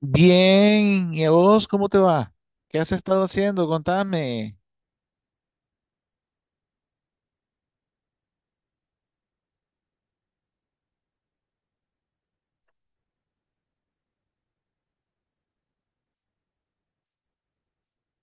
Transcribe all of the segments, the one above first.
Bien, ¿y a vos cómo te va? ¿Qué has estado haciendo? Contame.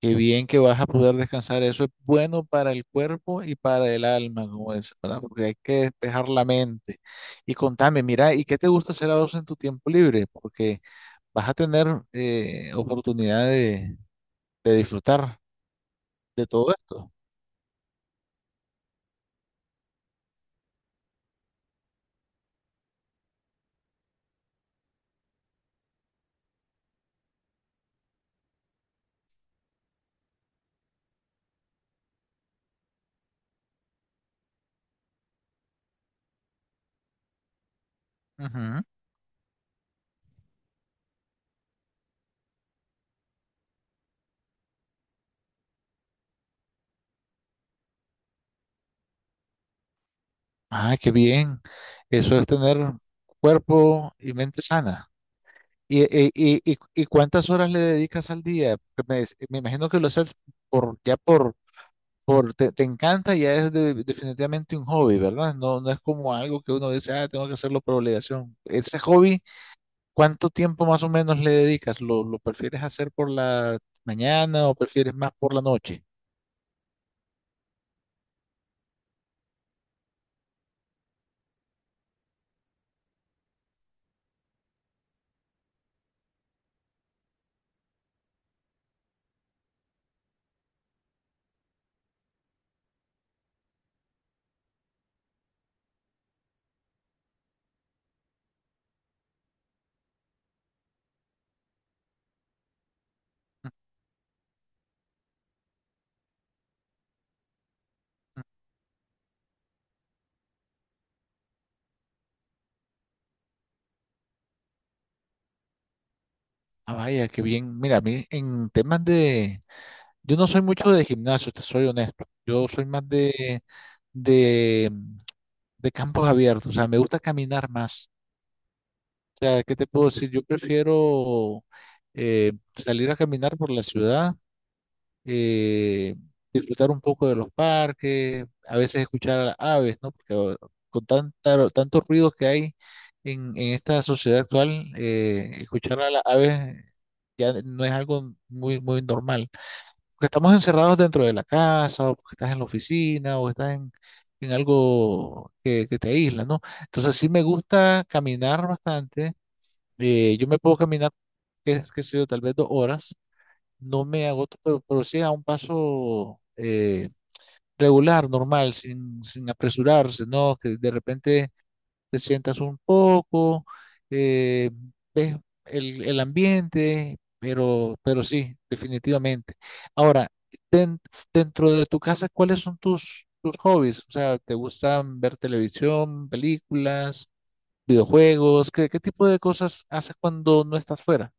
Qué bien que vas a poder descansar. Eso es bueno para el cuerpo y para el alma, como es, ¿verdad? Porque hay que despejar la mente. Y contame, mira, ¿y qué te gusta hacer a vos en tu tiempo libre? Porque vas a tener oportunidad de disfrutar de todo esto. Ujú. Ah, qué bien. Eso es tener cuerpo y mente sana. ¿Y cuántas horas le dedicas al día? Porque me imagino que lo haces por, ya por, por te, te encanta, ya es definitivamente un hobby, ¿verdad? No, no es como algo que uno dice, ah, tengo que hacerlo por obligación. Ese hobby, ¿cuánto tiempo más o menos le dedicas? ¿Lo prefieres hacer por la mañana o prefieres más por la noche? Ah, vaya, qué bien. Mira, a mí en temas de... Yo no soy mucho de gimnasio, te soy honesto. Yo soy más de de campos abiertos, o sea, me gusta caminar más. O sea, ¿qué te puedo decir? Yo prefiero salir a caminar por la ciudad, eh, disfrutar un poco de los parques, a veces escuchar a las aves, ¿no? Porque ahora, con tantos ruidos que hay en esta sociedad actual, escuchar a las aves ya no es algo muy normal porque estamos encerrados dentro de la casa, o porque estás en la oficina, o estás en algo que te aísla, ¿no? Entonces sí me gusta caminar bastante. Yo me puedo caminar, qué sé yo, tal vez dos horas. No me agoto, pero sí a un paso regular, normal, sin apresurarse, ¿no? Que de repente te sientas un poco, eh, ves el ambiente, pero sí, definitivamente. Ahora, den- dentro de tu casa, ¿cuáles son tus hobbies? O sea, ¿te gustan ver televisión, películas, videojuegos? ¿Qué tipo de cosas haces cuando no estás fuera?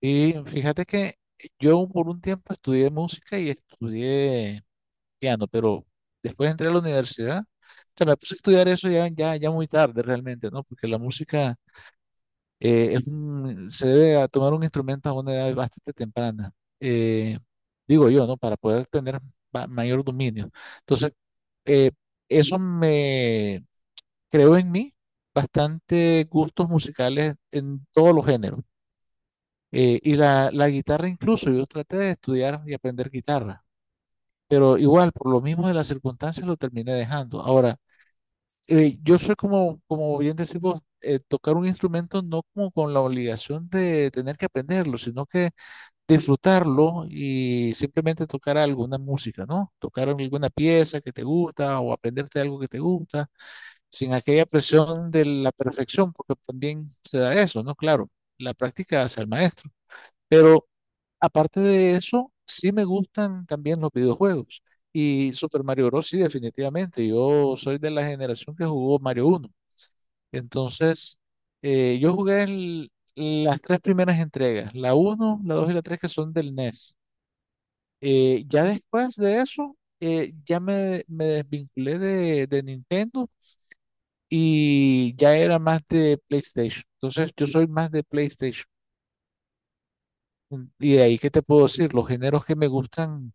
Y fíjate que yo por un tiempo estudié música y estudié piano, pero después entré a la universidad, o sea, me puse a estudiar eso ya muy tarde realmente, ¿no? Porque la música es se debe a tomar un instrumento a una edad bastante temprana, eh, digo yo, ¿no? Para poder tener mayor dominio. Entonces, eh, eso me creó en mí bastante gustos musicales en todos los géneros. Y la guitarra incluso, yo traté de estudiar y aprender guitarra pero igual, por lo mismo de las circunstancias, lo terminé dejando. Ahora, yo soy como, como bien decís vos, tocar un instrumento no como con la obligación de tener que aprenderlo, sino que disfrutarlo y simplemente tocar alguna música, ¿no? Tocar alguna pieza que te gusta o aprenderte algo que te gusta, sin aquella presión de la perfección, porque también se da eso, ¿no? Claro, la práctica hace al maestro. Pero aparte de eso, sí me gustan también los videojuegos. Y Super Mario Bros. Sí, definitivamente. Yo soy de la generación que jugó Mario uno. Entonces, yo jugué las tres primeras entregas, la uno, la 2 y la 3 que son del NES. Ya después de eso, ya me desvinculé de Nintendo y ya era más de PlayStation. Entonces, yo soy más de PlayStation. Y de ahí, ¿qué te puedo decir? Los géneros que me gustan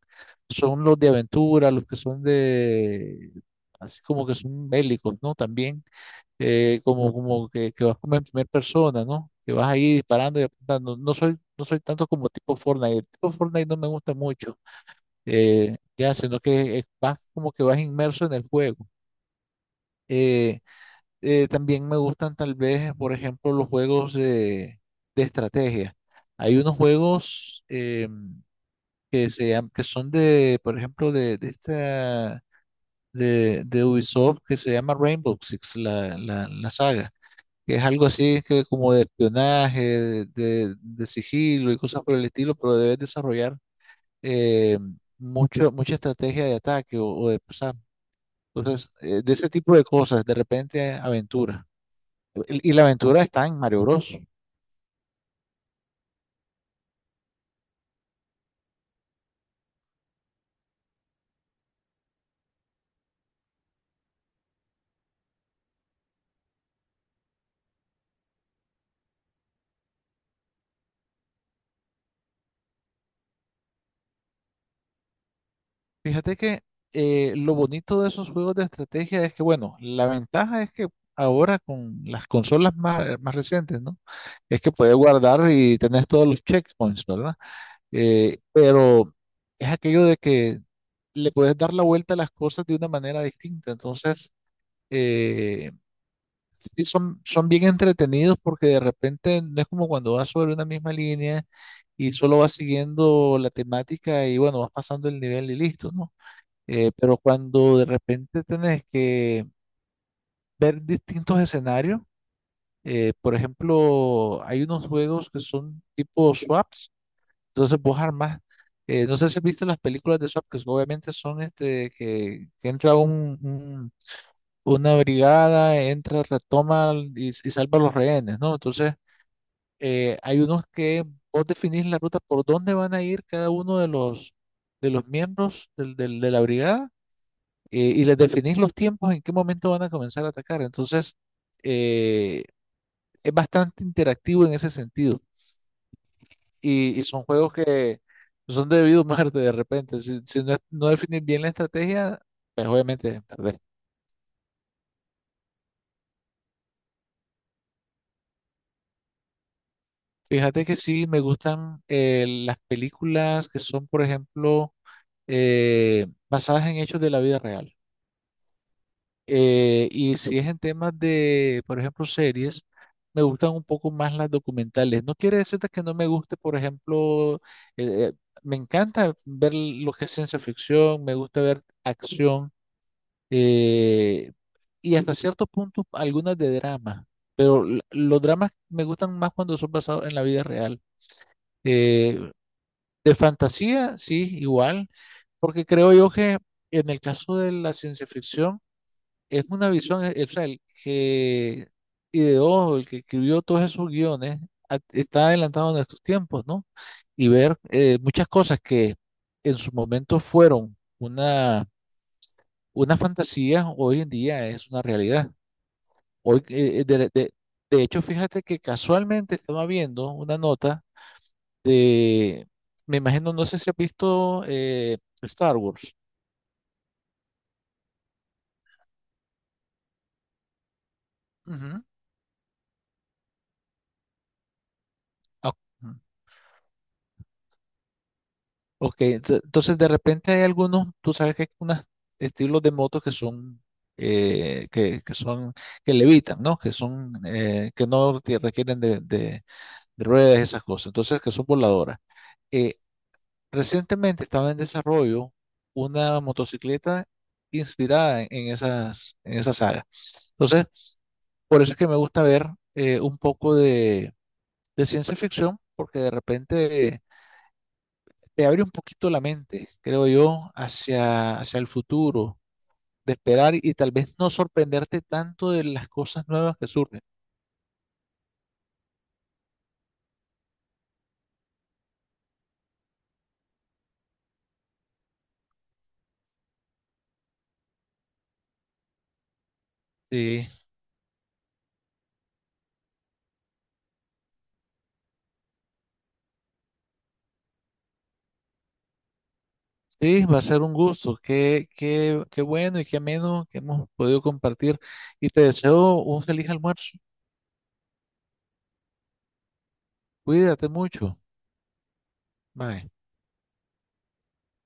son los de aventura, los que son de, así como que son bélicos, ¿no? También, como, que vas como en primera persona, ¿no? Que vas ahí disparando y apuntando. No soy tanto como tipo Fortnite. El tipo Fortnite no me gusta mucho, ya, sino que vas como que vas inmerso en el juego. Eh, También me gustan tal vez, por ejemplo, los juegos de estrategia. Hay unos juegos... que que son de, por ejemplo, de esta de Ubisoft que se llama Rainbow Six, la saga, que es algo así que como de espionaje, de sigilo y cosas por el estilo, pero debes desarrollar eh, mucha estrategia de ataque o de pasar. Entonces, de ese tipo de cosas, de repente aventura. Y la aventura está en Mario Bros. Fíjate que lo bonito de esos juegos de estrategia es que, bueno, la ventaja es que ahora con las consolas más, más recientes, ¿no? Es que puedes guardar y tenés todos los checkpoints, ¿verdad? Pero es aquello de que le puedes dar la vuelta a las cosas de una manera distinta. Entonces, eh, sí son, son bien entretenidos porque de repente no es como cuando vas sobre una misma línea y solo vas siguiendo la temática y bueno, vas pasando el nivel y listo, ¿no? Pero cuando de repente tenés que ver distintos escenarios, por ejemplo, hay unos juegos que son tipo swaps, entonces vos armás, no sé si has visto las películas de swap, que so, obviamente son este, que entra una brigada, entra, retoma y salva a los rehenes, ¿no? Entonces, hay unos que vos definís la ruta por dónde van a ir cada uno de los miembros de la brigada y les definís los tiempos en qué momento van a comenzar a atacar. Entonces, eh, es bastante interactivo en ese sentido. Y son juegos que son de debido a muerte de repente. Si no, no definís bien la estrategia, pues obviamente perdés. Fíjate que sí, me gustan las películas que son, por ejemplo, basadas en hechos de la vida real. Y si es en temas de, por ejemplo, series, me gustan un poco más las documentales. No quiere decirte que no me guste, por ejemplo, eh, eh, me encanta ver lo que es ciencia ficción, me gusta ver acción eh, y hasta cierto punto algunas de drama, pero los dramas me gustan más cuando son basados en la vida real. Eh, de fantasía, sí, igual, porque creo yo que en el caso de la ciencia ficción, es una visión, o sea, el que ideó, el que escribió todos esos guiones, está adelantado a nuestros tiempos, ¿no? Y ver muchas cosas que en su momento fueron una fantasía, hoy en día es una realidad. Hoy, de hecho, fíjate que casualmente estaba viendo una nota de, me imagino, no sé si has visto Star Wars. Ujú. Ok. Ok, entonces de repente hay algunos, tú sabes que hay unos estilos de motos que son, que son, que levitan, ¿no? Que son, que no te requieren de ruedas y esas cosas, entonces que son voladoras. Eh, Recientemente estaba en desarrollo una motocicleta inspirada en esas, en esa saga. Entonces, por eso es que me gusta ver un poco de ciencia ficción, porque de repente te abre un poquito la mente, creo yo, hacia, hacia el futuro, de esperar y tal vez no sorprenderte tanto de las cosas nuevas que surgen. Sí, sí, va a ser un gusto. Qué bueno y qué ameno que hemos podido compartir. Y te deseo un feliz almuerzo. Cuídate mucho. Bye.